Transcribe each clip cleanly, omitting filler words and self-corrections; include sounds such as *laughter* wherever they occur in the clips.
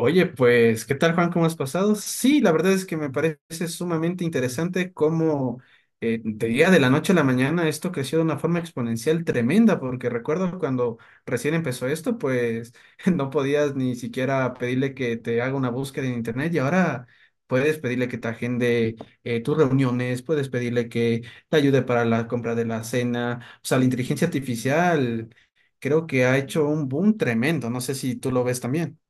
Oye, pues, ¿qué tal, Juan? ¿Cómo has pasado? Sí, la verdad es que me parece sumamente interesante cómo de día de la noche a la mañana esto creció de una forma exponencial tremenda, porque recuerdo cuando recién empezó esto, pues *laughs* no podías ni siquiera pedirle que te haga una búsqueda en internet y ahora puedes pedirle que te agende tus reuniones, puedes pedirle que te ayude para la compra de la cena, o sea, la inteligencia artificial creo que ha hecho un boom tremendo, no sé si tú lo ves también.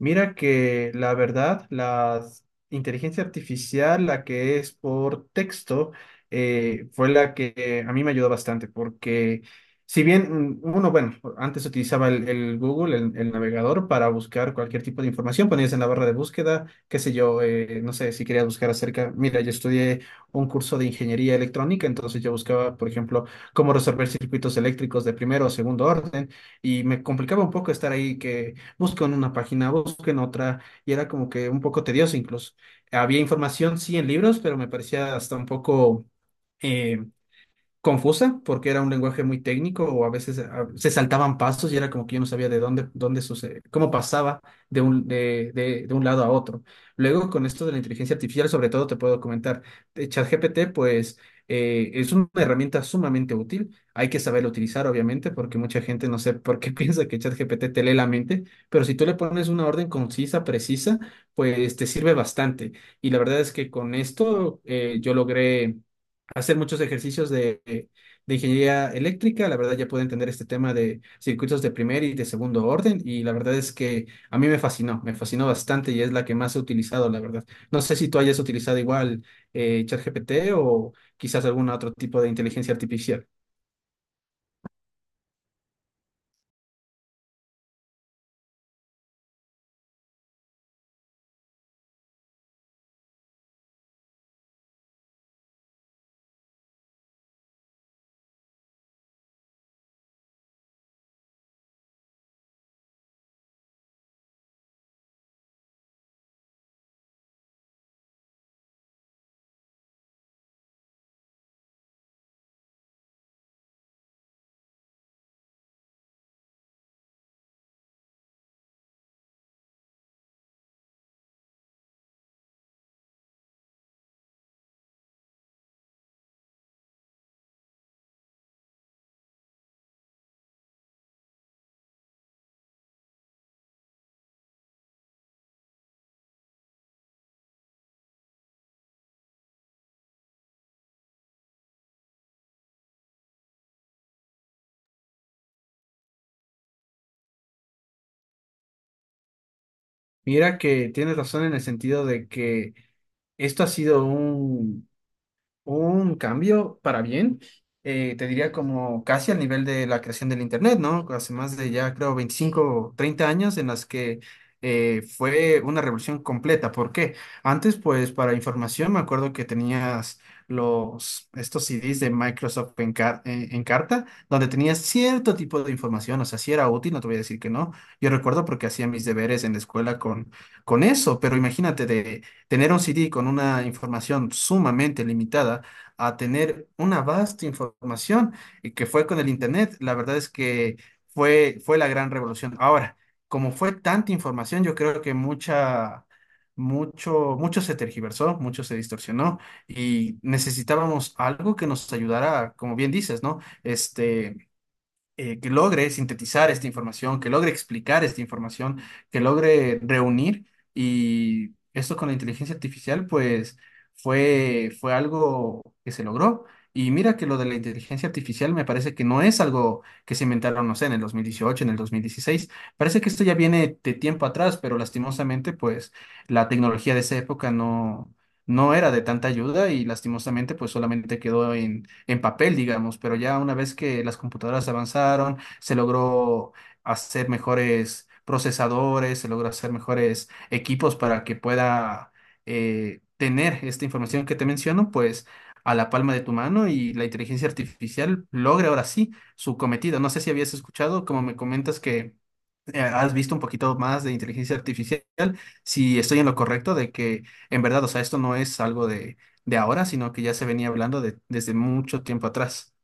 Mira que la verdad, la inteligencia artificial, la que es por texto, fue la que a mí me ayudó bastante, porque si bien uno, bueno, antes utilizaba el Google, el navegador, para buscar cualquier tipo de información, ponías en la barra de búsqueda, qué sé yo, no sé, si querías buscar acerca, mira, yo estudié un curso de ingeniería electrónica, entonces yo buscaba, por ejemplo, cómo resolver circuitos eléctricos de primero o segundo orden, y me complicaba un poco estar ahí que busquen una página, busquen otra, y era como que un poco tedioso incluso. Había información, sí, en libros, pero me parecía hasta un poco... eh, confusa porque era un lenguaje muy técnico o a veces se saltaban pasos y era como que yo no sabía de dónde, dónde sucede, cómo pasaba de de un lado a otro. Luego, con esto de la inteligencia artificial, sobre todo te puedo comentar, ChatGPT, pues es una herramienta sumamente útil. Hay que saberlo utilizar, obviamente, porque mucha gente no sé por qué *laughs* piensa que ChatGPT te lee la mente, pero si tú le pones una orden concisa, precisa, pues te sirve bastante. Y la verdad es que con esto yo logré hacer muchos ejercicios de ingeniería eléctrica. La verdad ya pude entender este tema de circuitos de primer y de segundo orden y la verdad es que a mí me fascinó bastante y es la que más he utilizado, la verdad. No sé si tú hayas utilizado igual ChatGPT o quizás algún otro tipo de inteligencia artificial. Mira que tienes razón en el sentido de que esto ha sido un cambio para bien, te diría como casi al nivel de la creación del Internet, ¿no? Hace más de ya creo 25, 30 años en las que fue una revolución completa. ¿Por qué? Antes, pues para información, me acuerdo que tenías los, estos CDs de Microsoft en carta, donde tenías cierto tipo de información, o sea, si era útil, no te voy a decir que no. Yo recuerdo porque hacía mis deberes en la escuela con eso, pero imagínate de tener un CD con una información sumamente limitada a tener una vasta información y que fue con el Internet, la verdad es que fue la gran revolución. Ahora, como fue tanta información, yo creo que mucho se tergiversó, mucho se distorsionó y necesitábamos algo que nos ayudara, como bien dices, ¿no? Este que logre sintetizar esta información, que logre explicar esta información, que logre reunir. Y esto con la inteligencia artificial, pues fue algo que se logró. Y mira que lo de la inteligencia artificial me parece que no es algo que se inventaron, no sé, en el 2018, en el 2016. Parece que esto ya viene de tiempo atrás, pero lastimosamente, pues la tecnología de esa época no era de tanta ayuda y lastimosamente, pues solamente quedó en papel, digamos, pero ya una vez que las computadoras avanzaron, se logró hacer mejores procesadores, se logró hacer mejores equipos para que pueda tener esta información que te menciono, pues a la palma de tu mano y la inteligencia artificial logre ahora sí su cometido. No sé si habías escuchado, como me comentas que has visto un poquito más de inteligencia artificial, si estoy en lo correcto de que en verdad, o sea, esto no es algo de ahora, sino que ya se venía hablando desde mucho tiempo atrás.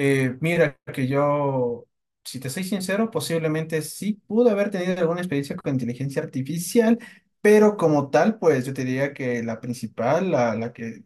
Mira, que yo, si te soy sincero, posiblemente sí pude haber tenido alguna experiencia con inteligencia artificial, pero como tal, pues yo te diría que la principal, la que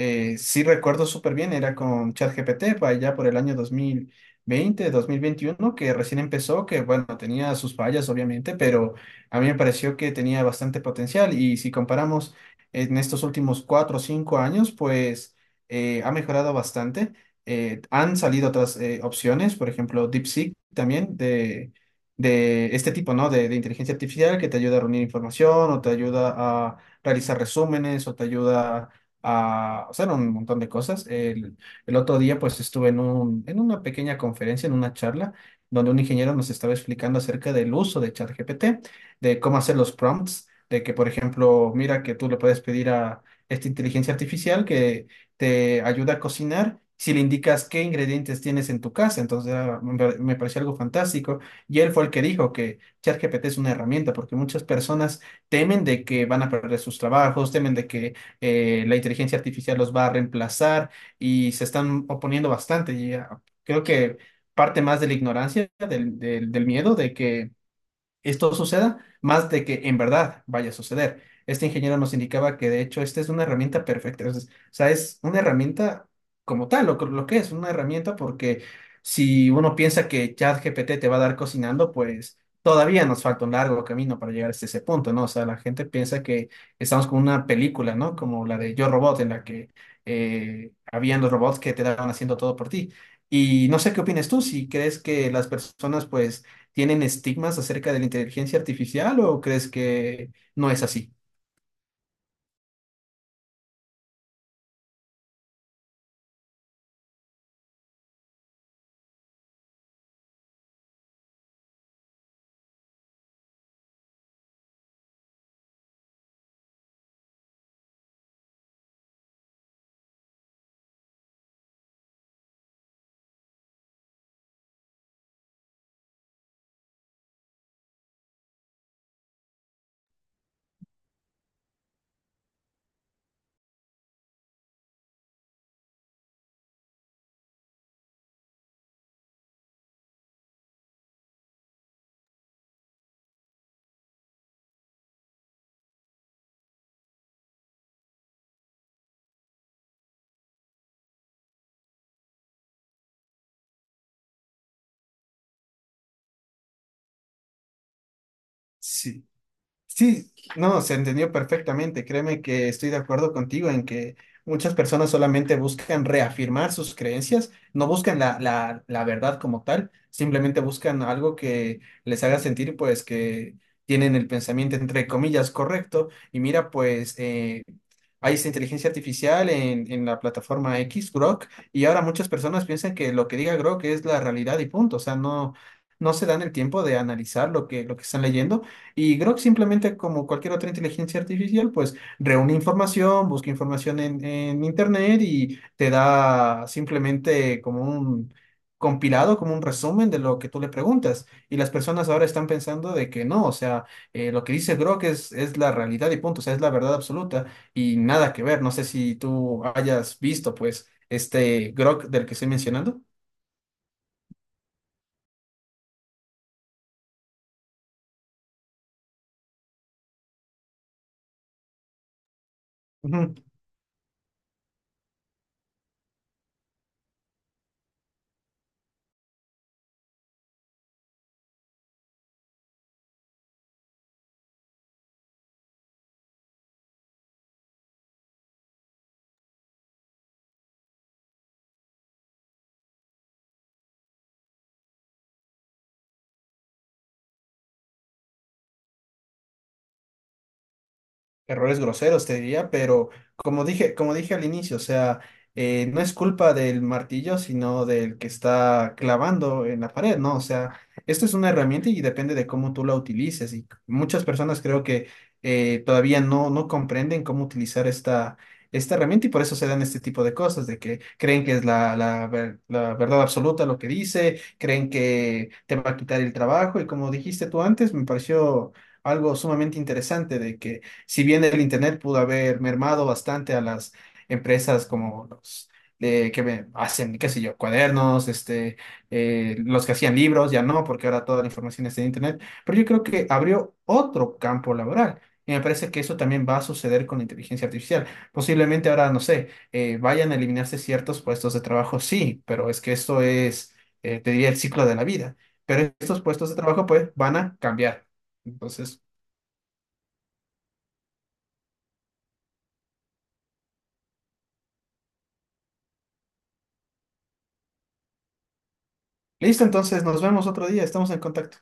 Sí recuerdo súper bien, era con ChatGPT, para allá por el año 2020, 2021, que recién empezó, que bueno, tenía sus fallas obviamente, pero a mí me pareció que tenía bastante potencial y si comparamos en estos últimos cuatro o cinco años, pues ha mejorado bastante. Han salido otras opciones, por ejemplo, DeepSeek también de este tipo, ¿no? De inteligencia artificial que te ayuda a reunir información o te ayuda a realizar resúmenes o te ayuda a hacer un montón de cosas. El otro día pues estuve en una pequeña conferencia, en una charla, donde un ingeniero nos estaba explicando acerca del uso de ChatGPT, de cómo hacer los prompts, de que por ejemplo, mira que tú le puedes pedir a esta inteligencia artificial que te ayuda a cocinar. Si le indicas qué ingredientes tienes en tu casa, entonces ah, me pareció algo fantástico. Y él fue el que dijo que ChatGPT es una herramienta, porque muchas personas temen de que van a perder sus trabajos, temen de que la inteligencia artificial los va a reemplazar y se están oponiendo bastante. Y, ah, creo que parte más de la ignorancia, del del miedo de que esto suceda, más de que en verdad vaya a suceder. Este ingeniero nos indicaba que de hecho esta es una herramienta perfecta, o sea, es una herramienta como tal, lo que es una herramienta, porque si uno piensa que ChatGPT te va a dar cocinando, pues todavía nos falta un largo camino para llegar hasta ese punto, ¿no? O sea, la gente piensa que estamos con una película, ¿no? Como la de Yo Robot, en la que habían los robots que te daban haciendo todo por ti. ¿Y no sé qué opinas tú, si crees que las personas, pues, tienen estigmas acerca de la inteligencia artificial o crees que no es así? Sí, sí, no, se entendió perfectamente. Créeme que estoy de acuerdo contigo en que muchas personas solamente buscan reafirmar sus creencias, no buscan la verdad como tal, simplemente buscan algo que les haga sentir pues que tienen el pensamiento entre comillas correcto. Y mira, pues hay esta inteligencia artificial en la plataforma X, Grok, y ahora muchas personas piensan que lo que diga Grok es la realidad y punto. O sea, no se dan el tiempo de analizar lo que están leyendo y Grok simplemente, como cualquier otra inteligencia artificial, pues reúne información, busca información en internet y te da simplemente como un compilado, como un resumen de lo que tú le preguntas. Y las personas ahora están pensando de que no, o sea, lo que dice Grok es la realidad y punto, o sea, es la verdad absoluta y nada que ver. No sé si tú hayas visto, pues, este Grok del que estoy mencionando. Ujú. Errores groseros, te diría, pero como dije al inicio, o sea, no es culpa del martillo, sino del que está clavando en la pared, ¿no? O sea, esto es una herramienta y depende de cómo tú la utilices. Y muchas personas creo que todavía no comprenden cómo utilizar esta herramienta y por eso se dan este tipo de cosas, de que creen que es la verdad absoluta lo que dice, creen que te va a quitar el trabajo y como dijiste tú antes, me pareció algo sumamente interesante de que si bien el Internet pudo haber mermado bastante a las empresas como los que hacen, qué sé yo, cuadernos, este, los que hacían libros, ya no, porque ahora toda la información está en Internet, pero yo creo que abrió otro campo laboral. Y me parece que eso también va a suceder con la inteligencia artificial. Posiblemente ahora, no sé, vayan a eliminarse ciertos puestos de trabajo, sí, pero es que esto es, te diría, el ciclo de la vida. Pero estos puestos de trabajo, pues, van a cambiar. Entonces, listo, entonces nos vemos otro día, estamos en contacto.